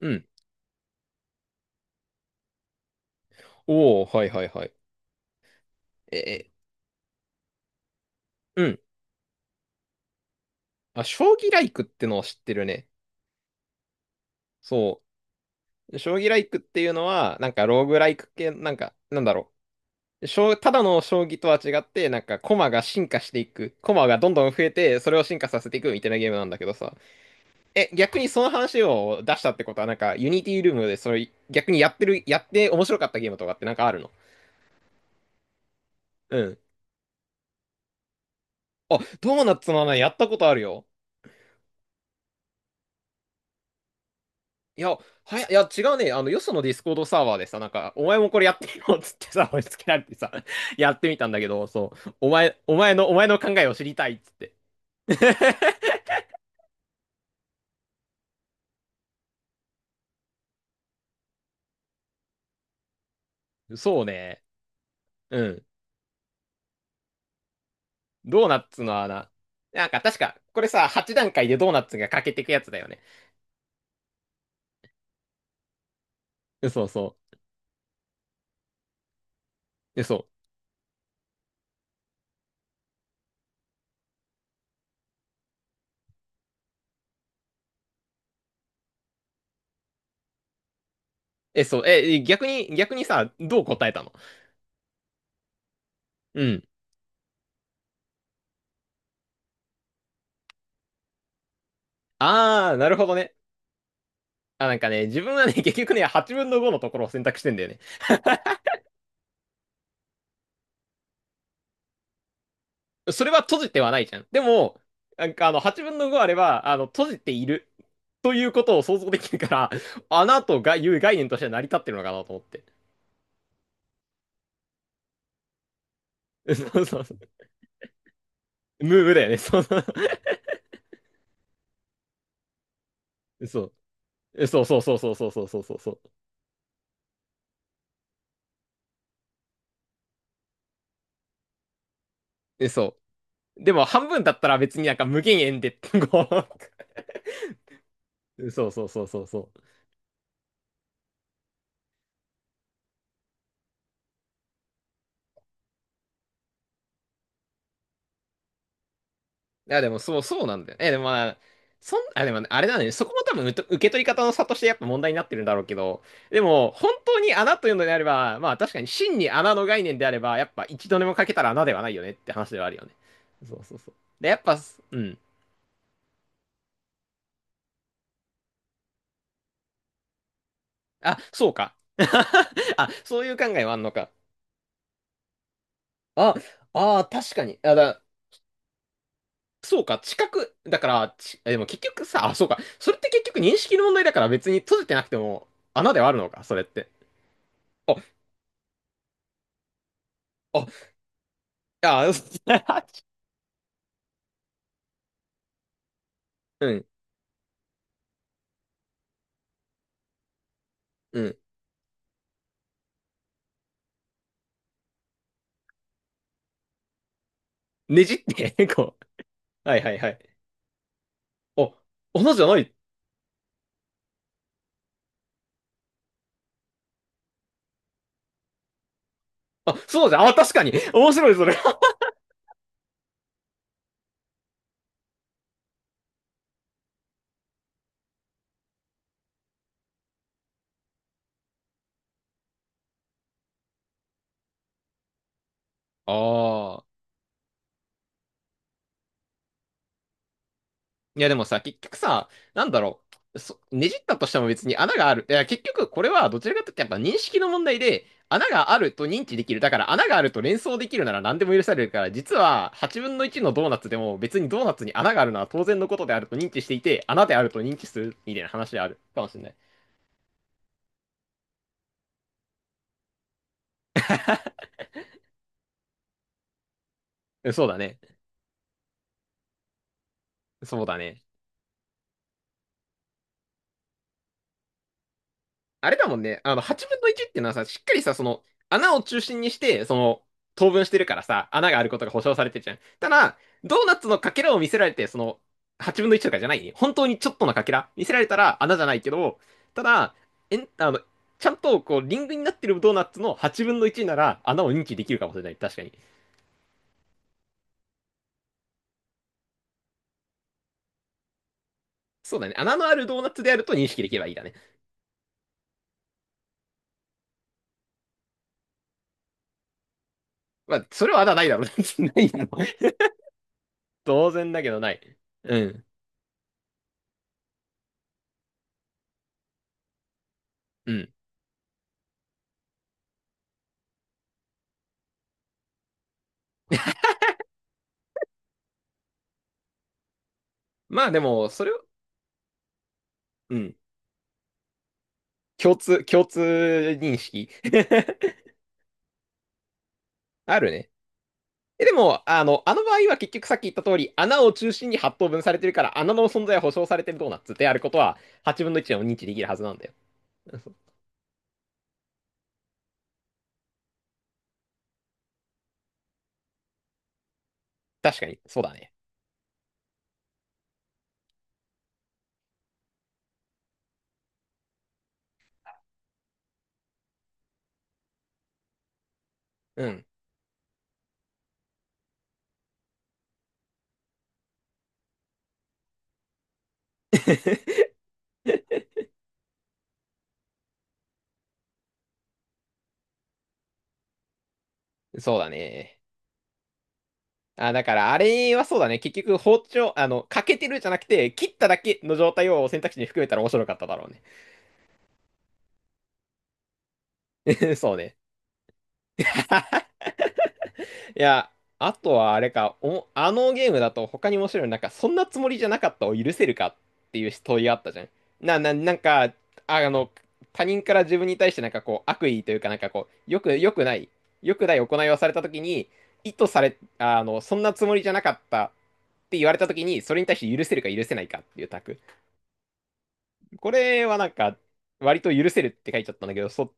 うん。おお、はいはいはい。ええ、うん。あ、将棋ライクってのを知ってるね。そう。将棋ライクっていうのは、なんかローグライク系、なんか、なんだろう。ただの将棋とは違って、なんか駒が進化していく。駒がどんどん増えて、それを進化させていくみたいなゲームなんだけどさ。え、逆にその話を出したってことは、なんか、ユニティルームで、それ、逆にやって面白かったゲームとかってなんかあるの？うん。あ、ドーナツの穴やったことあるよ。いや、いや、違うね。あの、よそのディスコードサーバーでさ、なんか、お前もこれやってよっつってさ、押し付けられてさ、やってみたんだけど、そう、お前の考えを知りたいっつって。そうね。うん。ドーナツの穴。なんか、確か、これさ、8段階でドーナツが欠けてくやつだよね。そうそう。そう。そう。逆にさ、どう答えたの？うん。あー、なるほどね。あ、なんかね、自分はね、結局ね、8分の5のところを選択してんだよね。それは閉じてはないじゃん。でも、なんかあの、8分の5あれば、あの、閉じているということを想像できるから、穴とがいう概念として成り立ってるのかなと思って。そうそうそう。ムーブだよね。そうそう。そうそうそうそうそうそうそうそうそうそう。そう。でも半分だったら別になんか無限円で、こう。そうそうそうそうそう。いや、でも、そう、そうなんだよね。でもまあ、あ、でもね、あれだね。そこも多分、受け取り方の差としてやっぱ問題になってるんだろうけど、でも、本当に穴というのであれば、まあ、確かに真に穴の概念であれば、やっぱ一度でもかけたら穴ではないよねって話ではあるよね。そうそうそう。で、やっぱ、うん。あ、そうか。あ、そういう考えはあんのか。あ、ああ、確かに。あ、そうか、だから、でも結局さ、あ、そうか。それって結局認識の問題だから別に閉じてなくても穴ではあるのか、それって。ああああ、うん、うん。ねじって、こう。はいはいはい。お、斧じゃない。あ、そうじゃん。あ、確かに。面白い、それ。ああ。いや、でもさ、結局さ、なんだろう。ねじったとしても別に穴がある。いや、結局これはどちらかというとやっぱ認識の問題で、穴があると認知できる。だから穴があると連想できるなら何でも許されるから、実は8分の1のドーナツでも別にドーナツに穴があるのは当然のことであると認知していて、穴であると認知するみたいな話であるかもしれない。うん、そうだね。そうだね。あれだもんね。あの、8分の1っていうのはさ、しっかりさ、その、穴を中心にして、その、等分してるからさ、穴があることが保証されてるじゃん。ただ、ドーナツのかけらを見せられて、その、8分の1とかじゃないね、本当にちょっとのかけら見せられたら穴じゃないけど、ただ、あの、ちゃんと、こう、リングになってるドーナツの8分の1なら、穴を認知できるかもしれない。確かに。そうだね。穴のあるドーナツであると認識できればいいだね。まあ、それは穴ないだろうね。ないだろう。当然だけどない。うん。うん。まあでも、それを、うん。共通認識 あるね。でも、あの場合は結局さっき言った通り、穴を中心に8等分されてるから、穴の存在は保証されてるドーナツであることは、8分の1でも認知できるはずなんだよ。確かに、そうだね。うん。そうだね。あ、だから、あれはそうだね。結局、包丁、あの、欠けてるじゃなくて、切っただけの状態を選択肢に含めたら面白かっただろうね。そうね。いや、あとはあれか、あのゲームだと他に面白いの、なんか、そんなつもりじゃなかったを許せるかっていう問いがあったじゃん。なんか、あの、他人から自分に対してなんかこう、悪意というか、なんかこう、よくない行いをされたときに、意図され、あの、そんなつもりじゃなかったって言われたときに、それに対して許せるか許せないかっていうタク。これはなんか、割と許せるって書いちゃったんだけど、そ、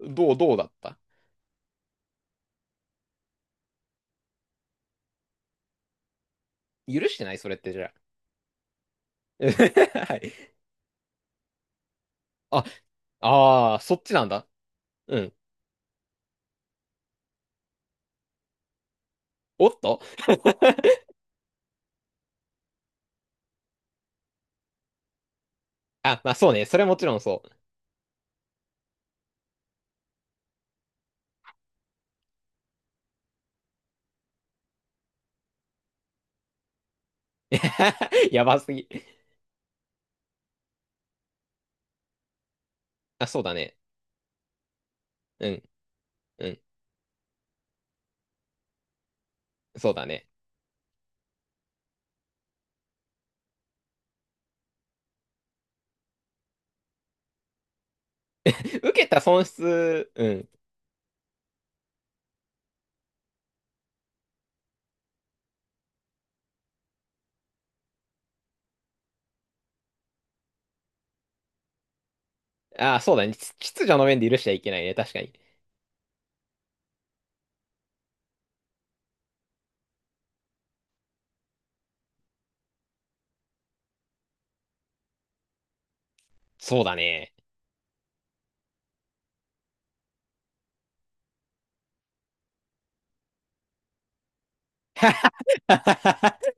どう、どうだった許してないそれってじゃあ？はい。あああ、そっちなんだ。うん。おっと あ、まあそうね。それはもちろんそう。やばすぎ。あ、そうだね。うん。うん。そうだね。受けた損失、うん。あ、そうだね。秩序の面で許しちゃいけないね。確かに。そうだね。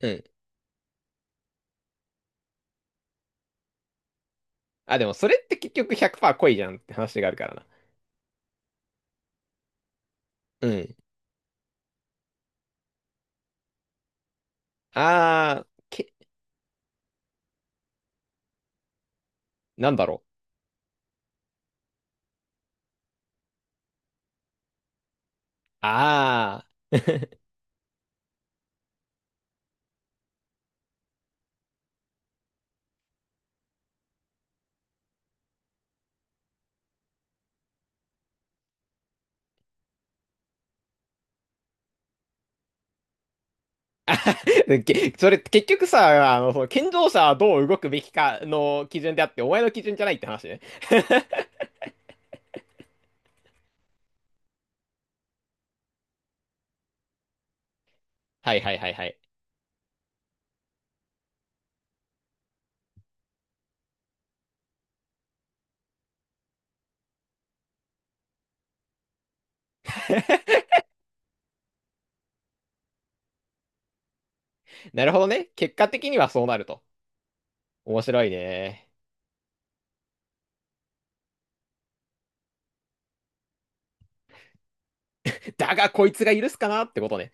うん。あ、でもそれって結局100%恋じゃんって話があるからな。うん。あー、なんだろう。あー。それ結局さ、あの、その健常者はどう動くべきかの基準であって、お前の基準じゃないって話ね。はいはいはいはい。なるほどね。結果的にはそうなると。面白いね。だが、こいつが許すかなってことね。